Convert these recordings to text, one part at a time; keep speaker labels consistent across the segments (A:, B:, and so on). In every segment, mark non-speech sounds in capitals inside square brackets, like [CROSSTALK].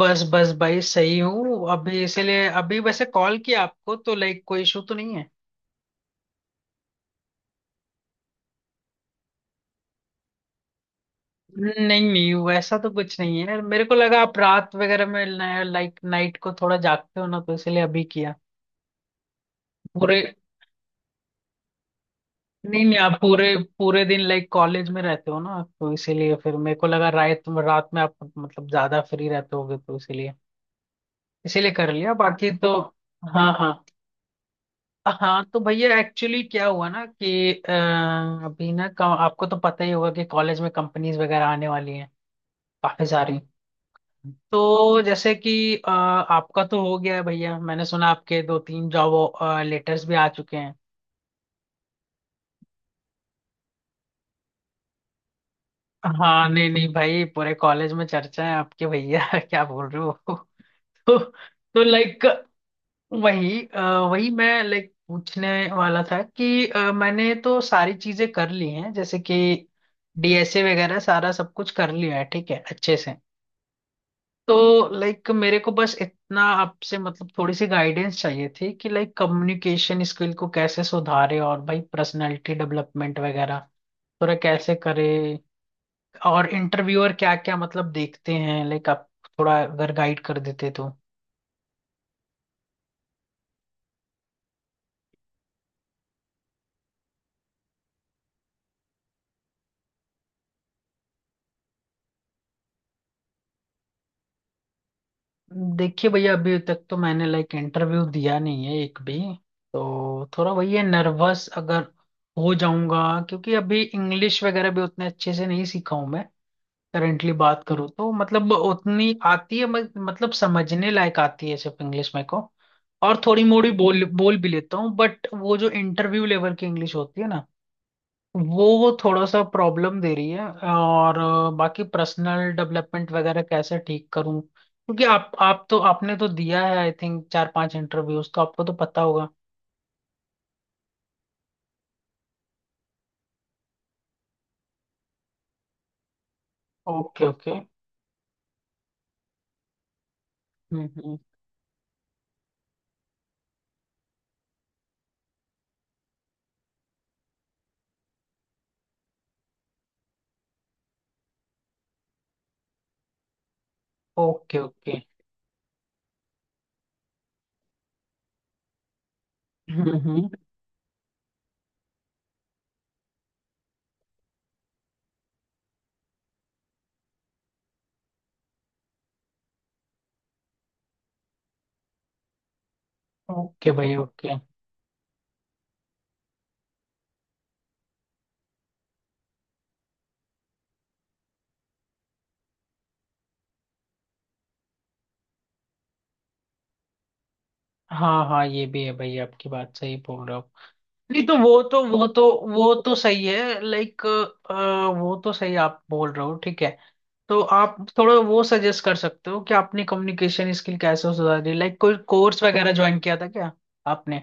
A: बस बस भाई सही हूँ। अभी इसीलिए अभी वैसे कॉल किया आपको तो लाइक कोई इशू तो नहीं है। नहीं नहीं, वैसा तो कुछ नहीं है। मेरे को लगा आप रात वगैरह में लाइक नाइट को थोड़ा जागते हो ना, तो इसीलिए अभी किया। पूरे नहीं नहीं, आप पूरे पूरे दिन लाइक कॉलेज में रहते हो ना, तो इसीलिए फिर मेरे को लगा रात रात में आप मतलब ज्यादा फ्री रहते होगे, तो इसीलिए इसीलिए कर लिया बाकी तो। हाँ हाँ। हाँ तो भैया एक्चुअली क्या हुआ ना कि अभी ना आपको तो पता ही होगा कि कॉलेज में कंपनीज वगैरह आने वाली हैं काफी सारी। तो जैसे कि आपका तो हो गया है भैया, मैंने सुना आपके दो तीन जॉब लेटर्स भी आ चुके हैं। हाँ नहीं नहीं भाई, पूरे कॉलेज में चर्चा है आपके भैया [LAUGHS] क्या बोल रहे हो [LAUGHS] तो तो लाइक वही अ, वही मैं लाइक पूछने वाला था कि मैंने तो सारी चीजें कर ली हैं, जैसे कि डीएसए वगैरह सारा सब कुछ कर लिया है, ठीक है अच्छे से। तो लाइक मेरे को बस इतना आपसे मतलब थोड़ी सी गाइडेंस चाहिए थी कि लाइक कम्युनिकेशन स्किल को कैसे सुधारे, और भाई पर्सनालिटी डेवलपमेंट वगैरह थोड़ा कैसे करे, और इंटरव्यूअर क्या क्या मतलब देखते हैं, लाइक आप थोड़ा अगर गाइड कर देते तो। देखिए भैया, अभी तक तो मैंने लाइक इंटरव्यू दिया नहीं है एक भी, तो थोड़ा वही है नर्वस अगर हो जाऊंगा, क्योंकि अभी इंग्लिश वगैरह भी उतने अच्छे से नहीं सीखा हूं मैं। करेंटली बात करूँ तो मतलब उतनी आती है, मतलब समझने लायक आती है सिर्फ इंग्लिश मेरे को। और थोड़ी मोड़ी बोल बोल भी लेता हूँ, बट वो जो इंटरव्यू लेवल की इंग्लिश होती है ना, वो थोड़ा सा प्रॉब्लम दे रही है। और बाकी पर्सनल डेवलपमेंट वगैरह कैसे ठीक करूं, क्योंकि आप तो आपने तो दिया है आई थिंक चार पांच इंटरव्यूज, तो आपको तो पता होगा। Okay okay. हम्म। Okay okay. हम्म। ओके भाई ओके। हाँ हाँ, ये भी है भाई, आपकी बात सही बोल रहे हो। नहीं तो वो तो सही है लाइक, वो तो सही आप बोल रहे हो, ठीक है। तो आप थोड़ा वो सजेस्ट कर सकते हो कि आपने कम्युनिकेशन स्किल कैसे सुधारी, लाइक कोई कोर्स वगैरह ज्वाइन किया था क्या आपने।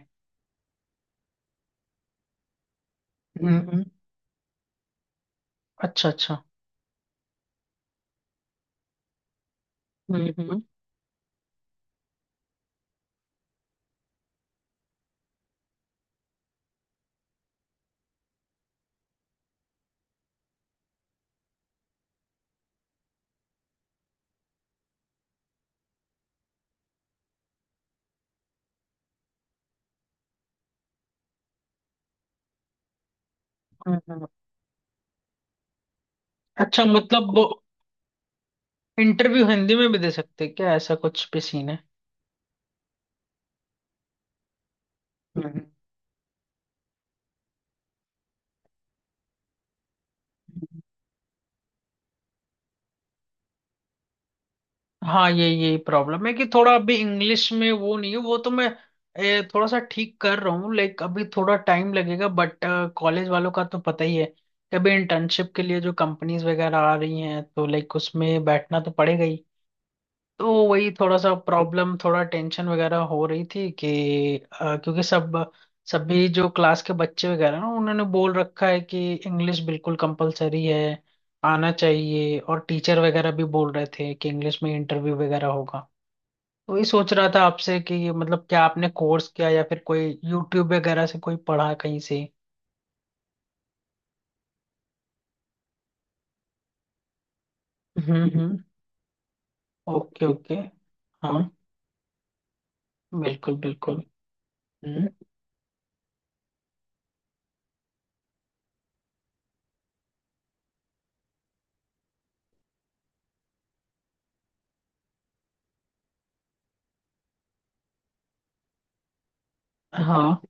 A: हम्म हम्म। अच्छा अच्छा। हम्म हम्म हम्म। अच्छा मतलब वो इंटरव्यू हिंदी में भी दे सकते हैं क्या, ऐसा कुछ भी सीन है। हम्म। हाँ ये यही प्रॉब्लम है कि थोड़ा अभी इंग्लिश में वो नहीं है, वो तो मैं थोड़ा सा ठीक कर रहा हूँ लाइक, अभी थोड़ा टाइम लगेगा। बट कॉलेज वालों का तो पता ही है कि अभी इंटर्नशिप के लिए जो कंपनीज वगैरह आ रही हैं, तो लाइक उसमें बैठना तो पड़ेगा ही। तो वही थोड़ा सा प्रॉब्लम, थोड़ा टेंशन वगैरह हो रही थी कि क्योंकि सब सभी जो क्लास के बच्चे वगैरह ना, उन्होंने बोल रखा है कि इंग्लिश बिल्कुल कंपलसरी है आना चाहिए, और टीचर वगैरह भी बोल रहे थे कि इंग्लिश में इंटरव्यू वगैरह होगा। तो ये सोच रहा था आपसे कि ये मतलब क्या आपने कोर्स किया या फिर कोई यूट्यूब वगैरह से कोई पढ़ा कहीं से। हम्म। Okay okay. हाँ बिल्कुल बिल्कुल। हम्म हाँ।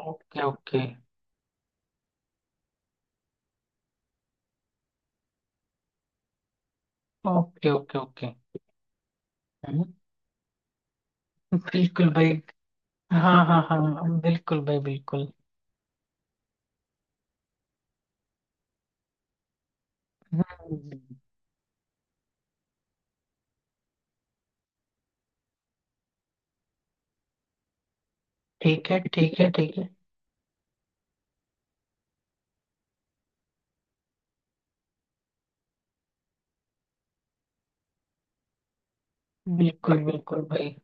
A: Okay okay okay. Okay okay बिल्कुल भाई। हाँ हाँ हाँ बिल्कुल भाई बिल्कुल। हम्म। ठीक है ठीक है ठीक है। बिल्कुल बिल्कुल भाई।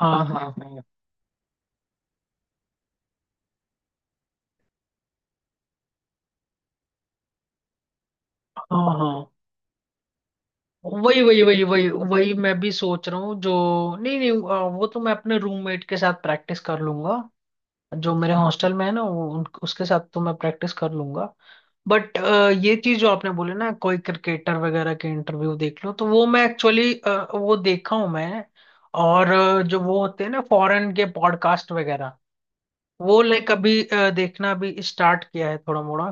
A: हाँ हाँ हाँ हाँ हाँ वही वही वही वही वही मैं भी सोच रहा हूँ जो। नहीं नहीं वो तो मैं अपने रूममेट के साथ प्रैक्टिस कर लूंगा जो मेरे हॉस्टल में है ना, वो उसके साथ तो मैं प्रैक्टिस कर लूंगा। बट ये चीज जो आपने बोले ना, कोई क्रिकेटर वगैरह के इंटरव्यू देख लो, तो वो मैं एक्चुअली वो देखा हूँ मैं। और जो वो होते हैं ना फॉरेन के पॉडकास्ट वगैरह, वो लाइक अभी देखना भी स्टार्ट किया है थोड़ा मोड़ा,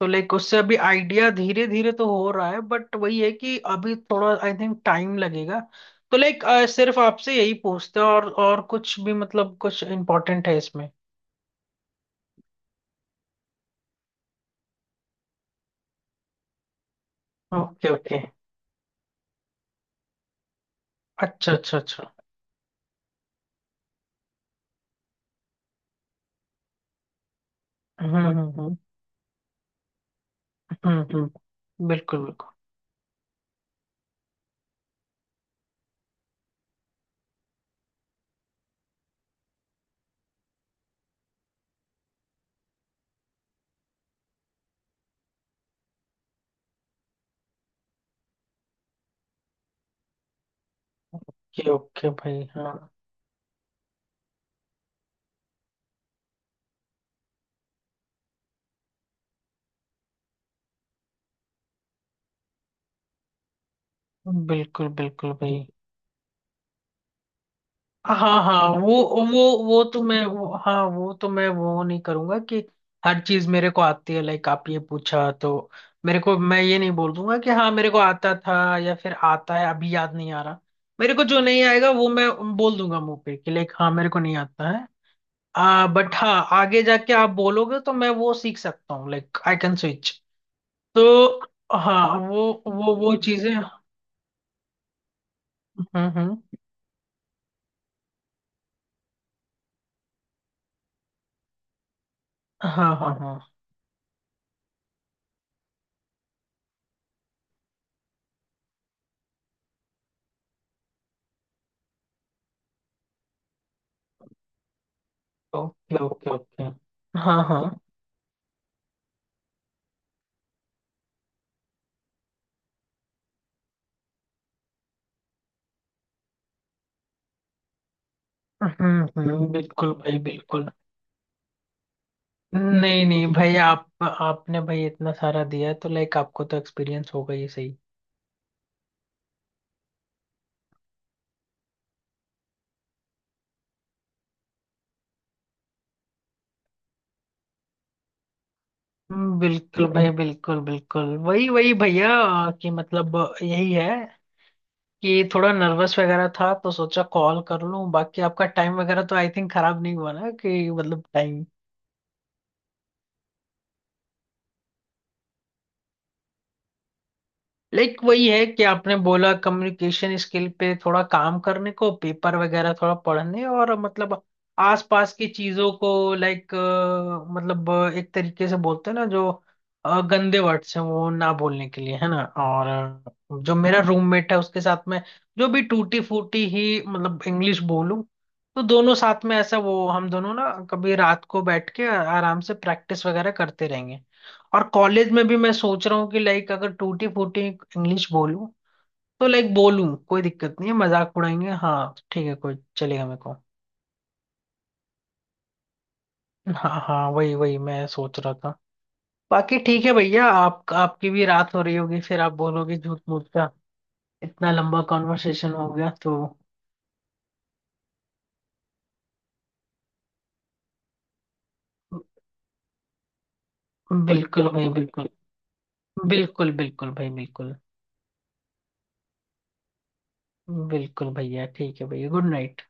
A: तो लाइक उससे अभी आइडिया धीरे धीरे तो हो रहा है, बट वही है कि अभी थोड़ा आई थिंक टाइम लगेगा। तो लाइक सिर्फ आपसे यही पूछते हैं, और कुछ भी मतलब कुछ इम्पोर्टेंट है इसमें। Okay okay. अच्छा अच्छा अच्छा। हम्म हम्म हम्म हम्म, बिल्कुल बिल्कुल। ये ओके भाई हाँ बिल्कुल बिल्कुल भाई। हाँ हाँ वो तो मैं वो, हाँ वो तो मैं वो नहीं करूंगा कि हर चीज मेरे को आती है। लाइक आप ये पूछा तो मेरे को, मैं ये नहीं बोल दूंगा कि हाँ मेरे को आता था या फिर आता है अभी याद नहीं आ रहा। मेरे को जो नहीं आएगा वो मैं बोल दूंगा मुंह पे कि लाइक हाँ मेरे को नहीं आता है। आ बट हाँ, आगे जाके आप बोलोगे तो मैं वो सीख सकता हूँ लाइक आई कैन स्विच। तो हाँ वो चीजें। हम्म। हाँ हाँ हाँ। Okay okay okay. हाँ हाँ। बिल्कुल भाई बिल्कुल। नहीं नहीं भाई, आप आपने भाई इतना सारा दिया है तो लाइक आपको तो एक्सपीरियंस होगा ही सही। बिल्कुल भाई बिल्कुल बिल्कुल। वही वही भैया कि मतलब यही है कि थोड़ा नर्वस वगैरह था, तो सोचा कॉल कर लूं। बाकी आपका टाइम वगैरह तो आई थिंक खराब नहीं हुआ ना कि मतलब टाइम। लाइक वही है कि आपने बोला कम्युनिकेशन स्किल पे थोड़ा काम करने को, पेपर वगैरह थोड़ा पढ़ने, और मतलब आसपास की चीजों को, लाइक मतलब मतलब एक तरीके से बोलते हैं ना जो गंदे वर्ड्स हैं वो ना बोलने के लिए है ना, और जो मेरा रूममेट है उसके साथ में जो भी टूटी फूटी ही मतलब इंग्लिश बोलूं, तो दोनों साथ में ऐसा वो हम दोनों ना कभी रात को बैठ के आराम से प्रैक्टिस वगैरह करते रहेंगे। और कॉलेज में भी मैं सोच रहा हूँ कि लाइक अगर टूटी फूटी इंग्लिश बोलूं, तो लाइक बोलूं कोई दिक्कत नहीं है, मजाक उड़ाएंगे हाँ ठीक है कोई चलेगा मेरे को। हाँ हाँ वही वही मैं सोच रहा था। बाकी ठीक है भैया, आप आपकी भी रात हो रही होगी, फिर आप बोलोगे झूठ मूठ का इतना लंबा कॉन्वर्सेशन हो गया तो। बिल्कुल भाई बिल्कुल बिल्कुल। बिल्कुल भाई बिल्कुल। बिल्कुल भैया ठीक है भैया गुड नाइट।